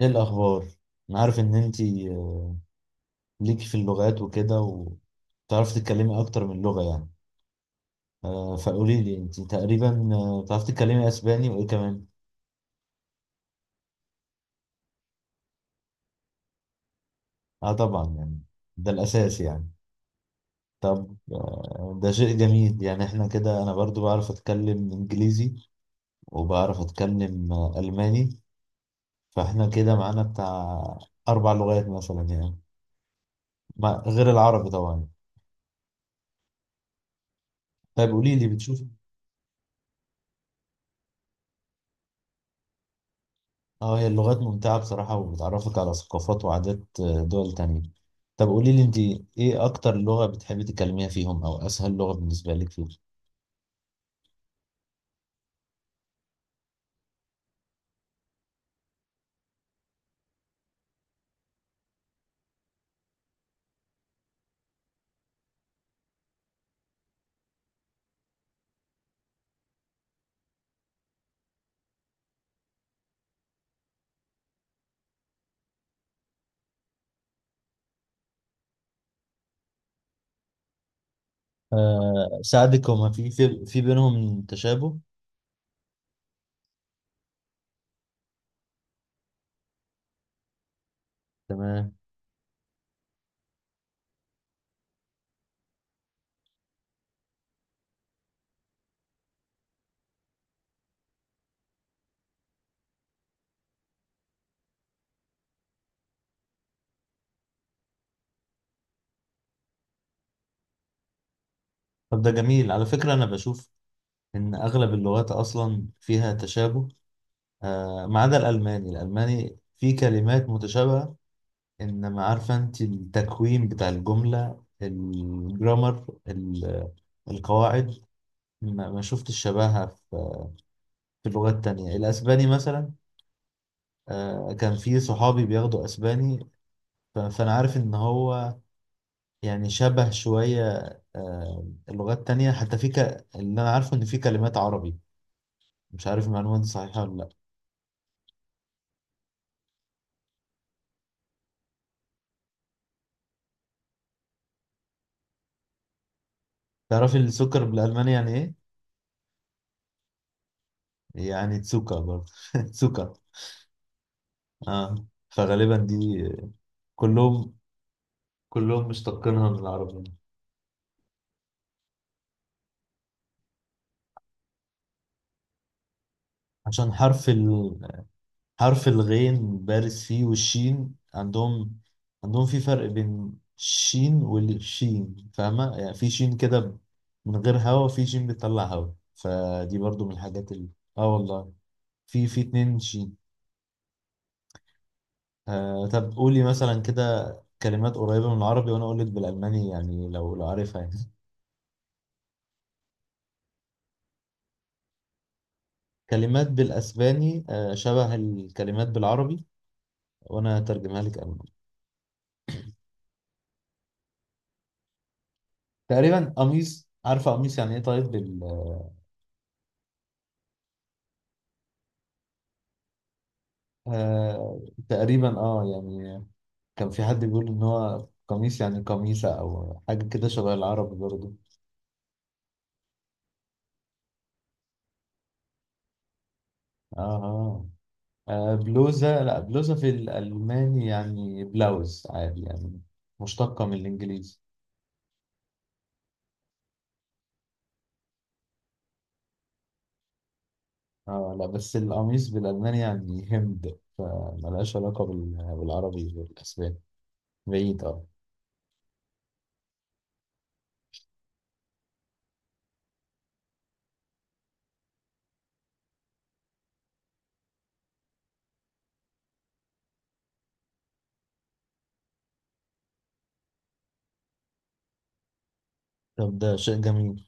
ايه الاخبار؟ انا عارف ان انتي ليكي في اللغات وكده، وتعرفي تتكلمي اكتر من لغة يعني. فقولي لي انتي تقريبا بتعرفي تتكلمي اسباني وايه كمان؟ اه طبعا يعني، ده الاساس يعني. طب ده شيء جميل يعني. احنا كده انا برضو بعرف اتكلم انجليزي، وبعرف اتكلم الماني، فاحنا كده معانا بتاع اربع لغات مثلا يعني، غير العربي طبعا. طيب قولي لي، بتشوف، اه هي اللغات ممتعة بصراحة، وبتعرفك على ثقافات وعادات دول تانية. طب قولي لي انت، ايه اكتر لغة بتحبي تتكلميها فيهم، او اسهل لغة بالنسبة لك فيهم؟ آه ساعدك هما، في بينهم تشابه. تمام. طب ده جميل على فكرة، انا بشوف ان اغلب اللغات اصلا فيها تشابه، آه ما عدا الالماني. الالماني في كلمات متشابهة، انما عارفة انت التكوين بتاع الجملة، الجرامر، القواعد، ما شفتش شبهها في لغات تانية. الأسباني مثلا، كان في صحابي بياخدوا أسباني، فأنا عارف إن هو يعني شبه شوية اللغات التانية. حتى في اللي أنا عارفه إن في كلمات عربي، مش عارف المعلومة دي صحيحة ولا لأ. تعرف السكر بالألماني يعني إيه؟ يعني تسوكا برضه. تسوكا. آه فغالبا دي، كلهم كلهم مشتقينها من العربي. عشان حرف حرف الغين بارز فيه، والشين عندهم، عندهم في فرق بين الشين والشين، فاهمة يعني؟ في شين كده من غير هوا، وفي شين بيطلع هوا، فدي برضو من الحاجات اللي، اه والله، في في اتنين شين. آه طب قولي مثلا كده كلمات قريبة من العربي وانا اقولك بالالماني يعني، لو عارفها يعني. كلمات بالاسباني آه شبه الكلمات بالعربي وانا هترجمها لك الماني. تقريبا قميص، عارفة قميص يعني ايه؟ طيب. آه تقريبا اه يعني، كان في حد بيقول ان هو قميص يعني قميصة، او حاجة كده شبه العرب برضو. اه اه بلوزة، لا بلوزة في الالماني يعني بلاوز عادي يعني، مشتقة من الانجليزي. اه لا، بس القميص بالالماني يعني هند، فملهاش علاقة بالعربي والاسباني. بعيد اه. طب ده شيء جميل.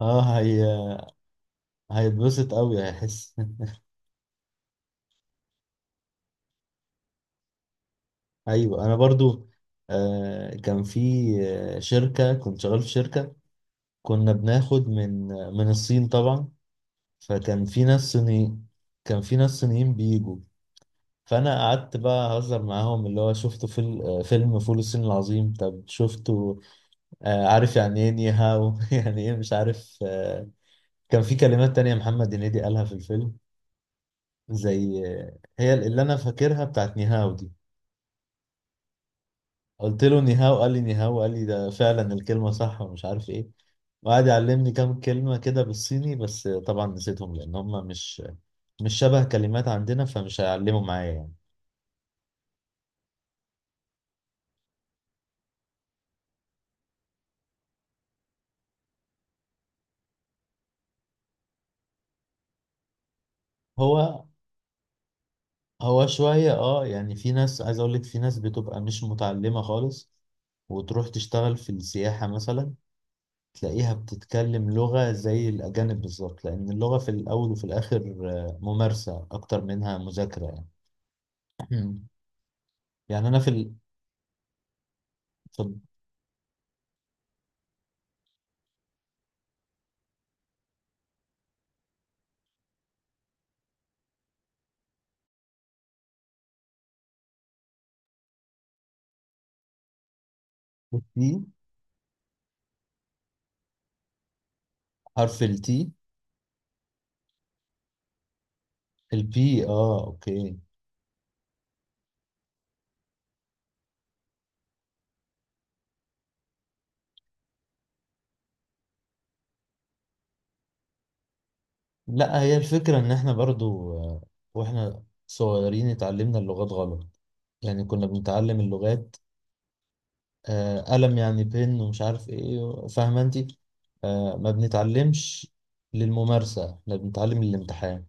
اه هي هيتبسط قوي، هيحس. ايوه انا برضو كان في شركه كنت شغال في شركه كنا بناخد من الصين طبعا، فكان في ناس صينيين، كان في ناس صينيين بيجوا، فانا قعدت بقى اهزر معاهم اللي هو شفته في فيلم فول الصين العظيم. طب شفته؟ عارف يعني ايه نيهاو؟ يعني ايه مش عارف كان في كلمات تانية محمد هنيدي قالها في الفيلم، زي هي اللي انا فاكرها بتاعت نيهاو دي. قلت له نيهاو، قال لي نيهاو، قال لي ده فعلا الكلمة صح ومش عارف ايه. وقعد يعلمني كام كلمة كده بالصيني، بس طبعا نسيتهم لأن هم مش شبه كلمات عندنا، فمش هيعلموا معايا يعني. هو هو شوية اه يعني، في ناس، عايز أقول لك، في ناس بتبقى مش متعلمة خالص وتروح تشتغل في السياحة مثلا، تلاقيها بتتكلم لغة زي الأجانب بالظبط، لأن اللغة في الأول وفي الآخر ممارسة أكتر منها مذاكرة يعني. يعني أنا في في البي، حرف التي، البي، اه اوكي. لا هي الفكرة ان احنا برضو واحنا صغيرين اتعلمنا اللغات غلط، يعني كنا بنتعلم اللغات آه قلم يعني بن ومش عارف ايه، فاهمة انتي؟ آه ما بنتعلمش للممارسة، احنا بنتعلم للامتحان.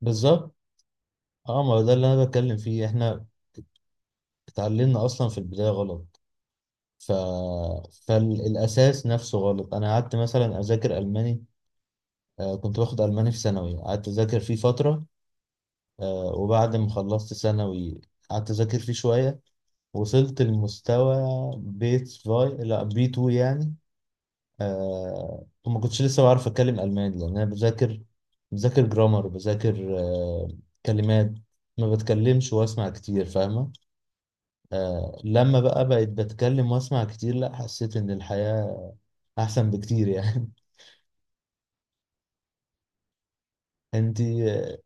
بالظبط، اه ما ده اللي انا بتكلم فيه، احنا اتعلمنا اصلا في البداية غلط، ف... فالاساس نفسه غلط. انا قعدت مثلا اذاكر الماني، آه كنت باخد الماني في ثانوي، قعدت اذاكر فيه فترة وبعد ما خلصت ثانوي قعدت أذاكر فيه شوية، وصلت لمستوى بيت فاي، لا بي 2 يعني. آه وما كنتش لسه بعرف أتكلم ألماني، لأن أنا بذاكر، بذاكر جرامر، بذاكر آه كلمات، ما بتكلمش وأسمع كتير، فاهمة؟ آه لما بقى بقيت بتكلم وأسمع كتير، لا حسيت إن الحياة أحسن بكتير يعني. أنتي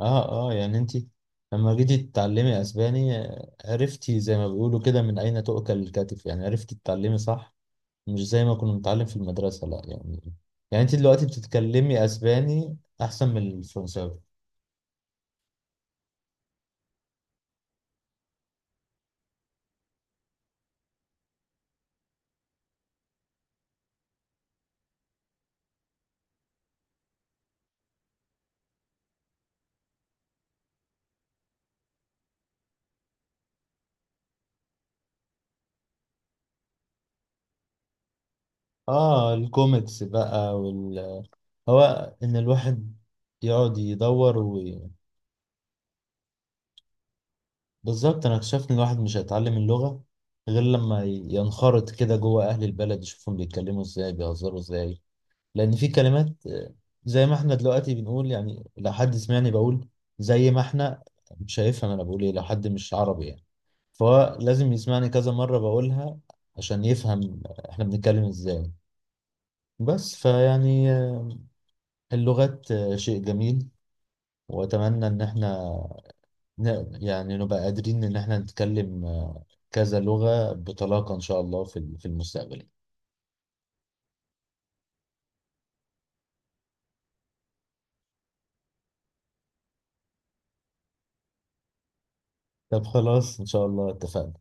اه اه يعني انت لما جيتي تتعلمي اسباني عرفتي زي ما بيقولوا كده من اين تؤكل الكتف، يعني عرفتي تتعلمي صح، مش زي ما كنا بنتعلم في المدرسة لا يعني. يعني انت دلوقتي بتتكلمي اسباني احسن من الفرنساوي. اه الكوميكس بقى وال، هو ان الواحد يقعد يدور بالظبط. انا اكتشفت ان الواحد مش هيتعلم اللغة غير لما ينخرط كده جوه اهل البلد، يشوفهم بيتكلموا ازاي، بيهزروا ازاي، لان في كلمات زي ما احنا دلوقتي بنقول يعني، لو حد سمعني بقول زي ما احنا، مش هيفهم انا بقول ايه لو حد مش عربي يعني. فهو لازم يسمعني كذا مرة بقولها عشان يفهم احنا بنتكلم ازاي. بس فيعني اللغات شيء جميل، واتمنى ان احنا يعني نبقى قادرين ان احنا نتكلم كذا لغة بطلاقة ان شاء الله في في المستقبل. طب خلاص ان شاء الله اتفقنا.